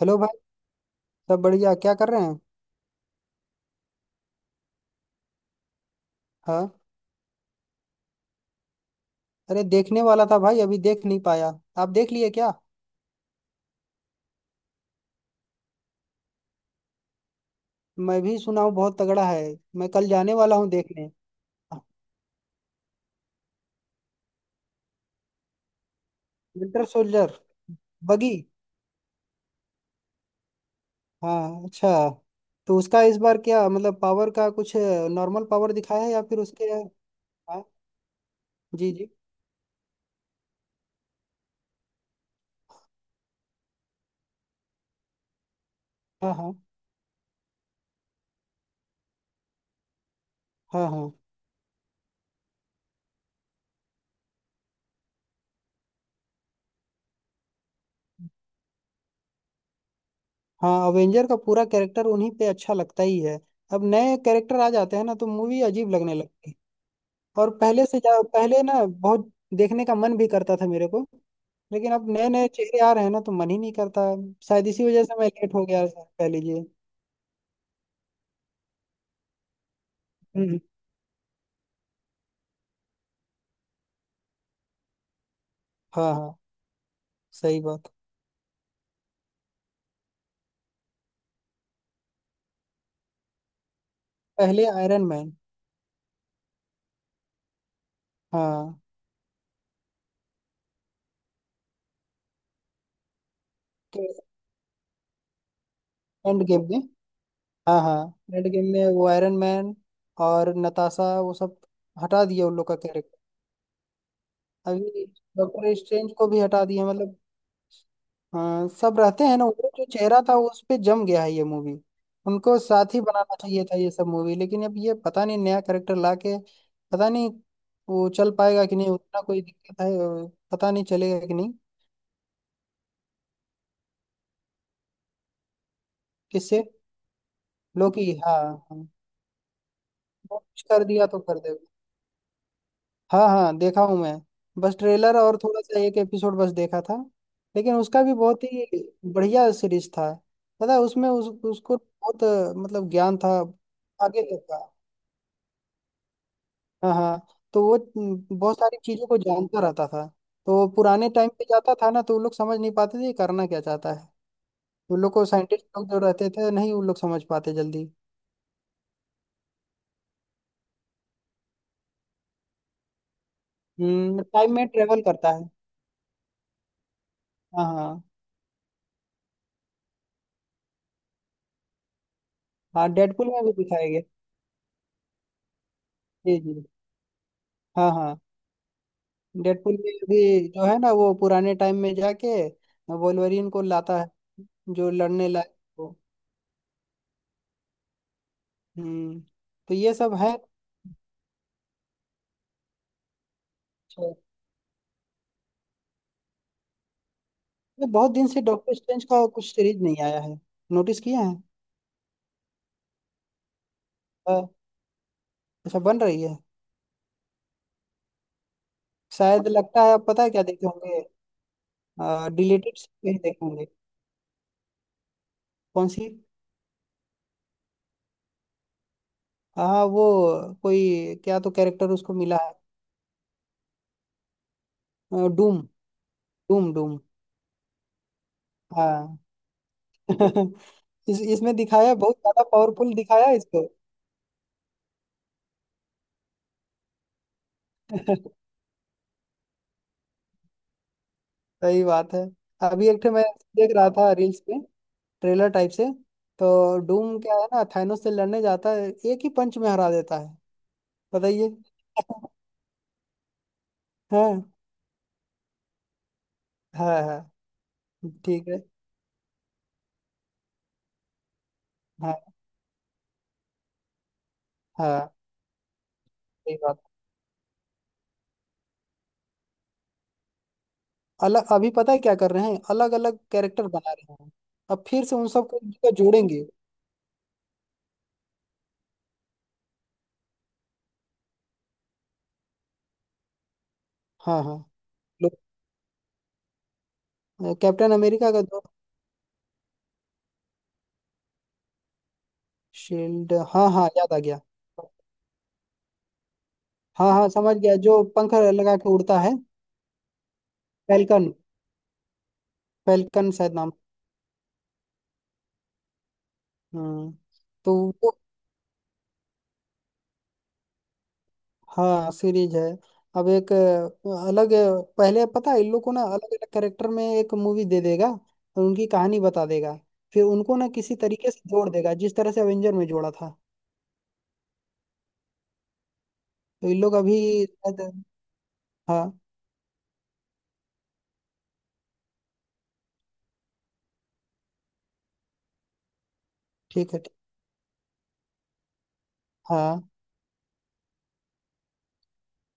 Hello भाई। सब बढ़िया क्या कर रहे हैं। हाँ, अरे देखने वाला था भाई, अभी देख नहीं पाया। आप देख लिए क्या। मैं भी सुना हूँ बहुत तगड़ा है। मैं कल जाने वाला हूँ देखने। Winter soldier. बगी। हाँ, अच्छा। तो उसका इस बार क्या मतलब पावर का कुछ नॉर्मल पावर दिखाया है या फिर उसके। हाँ, जी जी। हाँ हाँ। हाँ हाँ हाँ। अवेंजर का पूरा कैरेक्टर उन्हीं पे अच्छा लगता ही है। अब नए कैरेक्टर आ जाते हैं ना तो मूवी अजीब लगने लगती है। और पहले से जा पहले ना बहुत देखने का मन भी करता था मेरे को। लेकिन अब नए नए चेहरे आ रहे हैं ना तो मन ही नहीं करता। शायद इसी वजह से मैं लेट हो गया सर, कह लीजिए। हम्म। हाँ हाँ, सही बात। पहले आयरन मैन। हाँ, तो एंड गेम में। हाँ हाँ। एंड गेम में वो आयरन मैन और नताशा, वो सब हटा दिया उन लोग का कैरेक्टर। अभी डॉक्टर स्ट्रेंज को भी हटा दिया मतलब। हाँ सब रहते हैं ना वो जो चेहरा था उस पे जम गया है ये मूवी। उनको साथ ही बनाना चाहिए था ये सब मूवी, लेकिन अब ये पता नहीं नया करेक्टर ला के पता नहीं वो चल पाएगा कि नहीं उतना, कोई दिक्कत है और पता नहीं चलेगा कि नहीं। किससे। लोकी। हाँ हाँ। वो कुछ कर दिया तो कर देगा। हाँ हाँ देखा हूँ मैं, बस ट्रेलर और थोड़ा सा एक एपिसोड बस देखा था। लेकिन उसका भी बहुत ही बढ़िया सीरीज था। पता है उसमें उसको बहुत मतलब ज्ञान था, आगे तक का। हाँ हाँ, तो वो बहुत सारी चीजों को जानता रहता था। तो पुराने टाइम पे जाता था ना तो वो लोग समझ नहीं पाते थे ये करना क्या चाहता है। वो लोग को साइंटिस्ट लोग जो रहते थे नहीं वो लोग समझ पाते जल्दी। हम्म, टाइम में ट्रेवल करता है। हाँ हाँ हाँ, डेडपुल में भी दिखाया गया। जी जी। हाँ हाँ, डेडपुल में भी जो है ना वो पुराने टाइम में जाके वोल्वरिन को लाता है, जो लड़ने लायक हो। हम्म। तो ये सब है। अच्छा। ये बहुत दिन से डॉक्टर स्ट्रेंज का कुछ सीरीज नहीं आया है, नोटिस किया है। हाँ, अच्छा बन रही है। शायद लगता है आप पता है क्या देखे होंगे, डिलीटेड सीन देखे होंगे। कौन सी। हाँ वो, कोई क्या तो कैरेक्टर उसको मिला है। डूम। Doom Doom. हाँ। इसमें दिखाया है, बहुत ज्यादा पावरफुल दिखाया है इसको। सही बात है। अभी एक ठे मैं देख रहा था रील्स में, ट्रेलर टाइप से। तो डूम क्या है ना थानोस से लड़ने जाता है, एक ही पंच में हरा देता है। बताइए। हाँ हाँ हाँ। ठीक है। हाँ हाँ, सही बात। अलग, अभी पता है क्या कर रहे हैं, अलग अलग कैरेक्टर बना रहे हैं। अब फिर से उन सबको इनका जोड़ेंगे। हाँ हाँ। लो, कैप्टन अमेरिका का जो शील्ड, हाँ हाँ याद आ गया। हाँ हाँ समझ गया, जो पंख लगा के उड़ता है। फैल्कन। फैल्कन शायद नाम। हम्म। तो वो, हाँ सीरीज है। अब एक अलग पहले पता है इन लोग को ना अलग अलग कैरेक्टर में एक मूवी दे देगा और उनकी कहानी बता देगा, फिर उनको ना किसी तरीके से जोड़ देगा जिस तरह से अवेंजर में जोड़ा था। तो इन लोग अभी शायद- हाँ। ठीक है हाँ।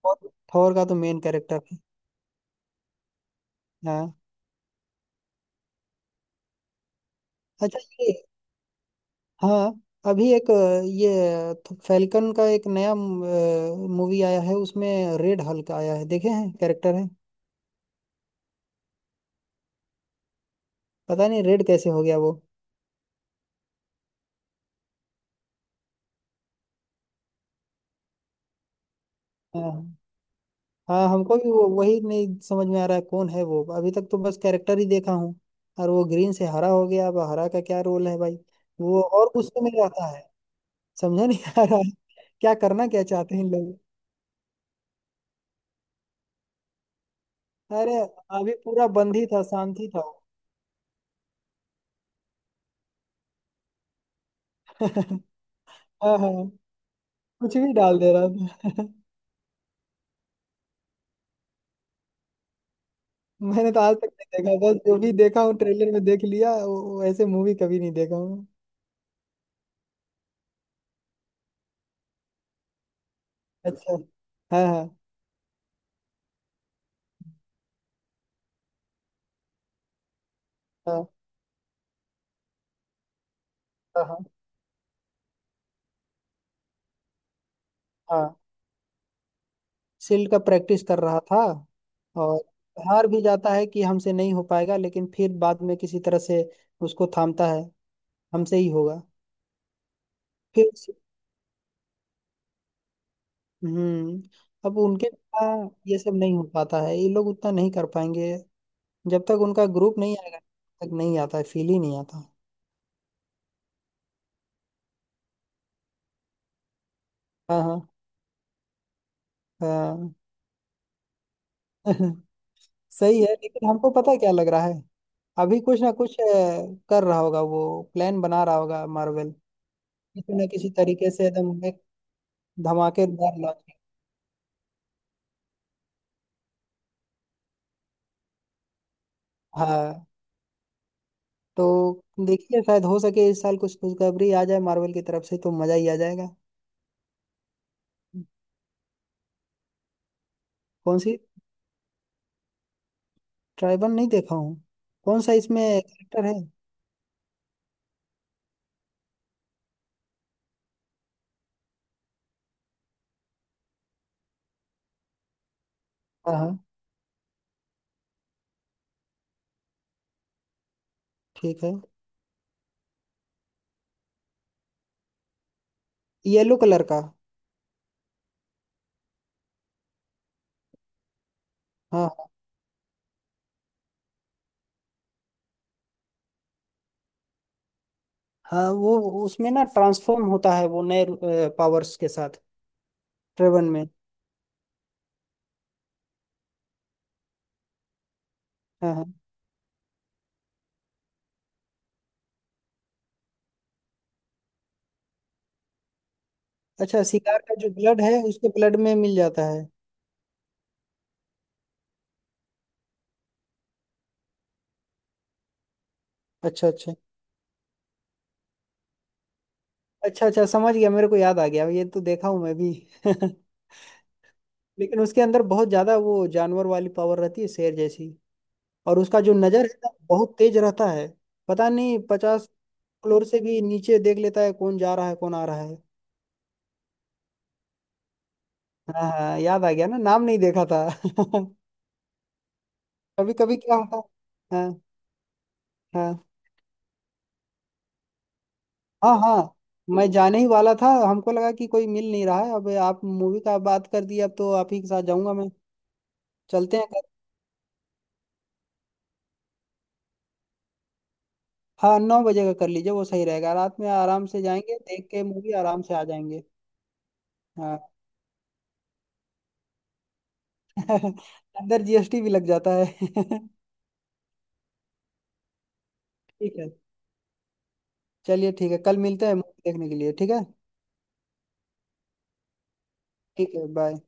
और थॉर का तो मेन कैरेक्टर है। हाँ, अच्छा ये। हाँ, अभी एक ये फैल्कन का एक नया मूवी आया है उसमें रेड हल्क आया है, देखे हैं कैरेक्टर है। पता नहीं रेड कैसे हो गया वो। हाँ हाँ, हमको भी वो वही नहीं समझ में आ रहा है कौन है वो, अभी तक तो बस कैरेक्टर ही देखा हूँ। और वो ग्रीन से हरा हो गया, अब हरा का क्या रोल है भाई। वो और गुस्से में रहता है, समझा नहीं आ रहा है क्या करना क्या चाहते हैं इन लोग। अरे अभी पूरा बंद ही था, शांति था वो। हाँ हाँ। कुछ भी डाल दे रहा था। मैंने तो आज तक नहीं देखा, बस जो भी देखा हूँ ट्रेलर में देख लिया, वो ऐसे मूवी कभी नहीं देखा हूँ। अच्छा। हाँ हाँ हाँ हाँ हाँ हाँ। शील्ड का प्रैक्टिस कर रहा था, और हार भी जाता है कि हमसे नहीं हो पाएगा, लेकिन फिर बाद में किसी तरह से उसको थामता है, हमसे ही होगा। फिर। हम्म। अब उनके बिना ये सब नहीं हो पाता है, ये लोग उतना नहीं कर पाएंगे, जब तक उनका ग्रुप नहीं आएगा तब तक नहीं आता है, फील ही नहीं आता। हाँ हाँ हाँ। सही है, लेकिन हमको पता है क्या लग रहा है। अभी कुछ ना कुछ कर रहा होगा, वो प्लान बना रहा होगा मार्वल, किसी ना किसी तरीके से एकदम एक धमाकेदार लॉन्चिंग। हाँ, तो देखिए शायद हो सके इस साल कुछ खुशखबरी आ जाए मार्वल की तरफ से तो मजा ही आ जाएगा। कौन सी। ट्राइबल नहीं देखा हूँ। कौन सा इसमें कैरेक्टर है। हाँ हाँ ठीक है। येलो कलर का। हाँ हाँ। वो उसमें ना ट्रांसफॉर्म होता है वो नए पावर्स के साथ ड्रेवन में। हाँ हाँ। अच्छा, सिगार का जो ब्लड है उसके ब्लड में मिल जाता है। अच्छा अच्छा। अच्छा अच्छा समझ गया, मेरे को याद आ गया ये तो देखा हूँ मैं भी। लेकिन उसके अंदर बहुत ज्यादा वो जानवर वाली पावर रहती है, शेर जैसी। और उसका जो नजर है ना बहुत तेज रहता है, पता नहीं 50 फ्लोर से भी नीचे देख लेता है, कौन जा रहा है कौन आ रहा है। हाँ हाँ याद आ गया ना, नाम नहीं देखा था। कभी कभी क्या होता है। हाँ हाँ हाँ हाँ। मैं जाने ही वाला था, हमको लगा कि कोई मिल नहीं रहा है, अब आप मूवी का बात कर दी, अब तो आप ही के साथ जाऊंगा मैं। चलते हैं कल। हाँ, 9 बजे का कर लीजिए, वो सही रहेगा, रात में आराम से जाएंगे देख के मूवी आराम से आ जाएंगे। हाँ। अंदर जीएसटी भी लग जाता है। ठीक है। चलिए ठीक है कल मिलते हैं मूवी देखने के लिए ठीक है। ठीक है, बाय।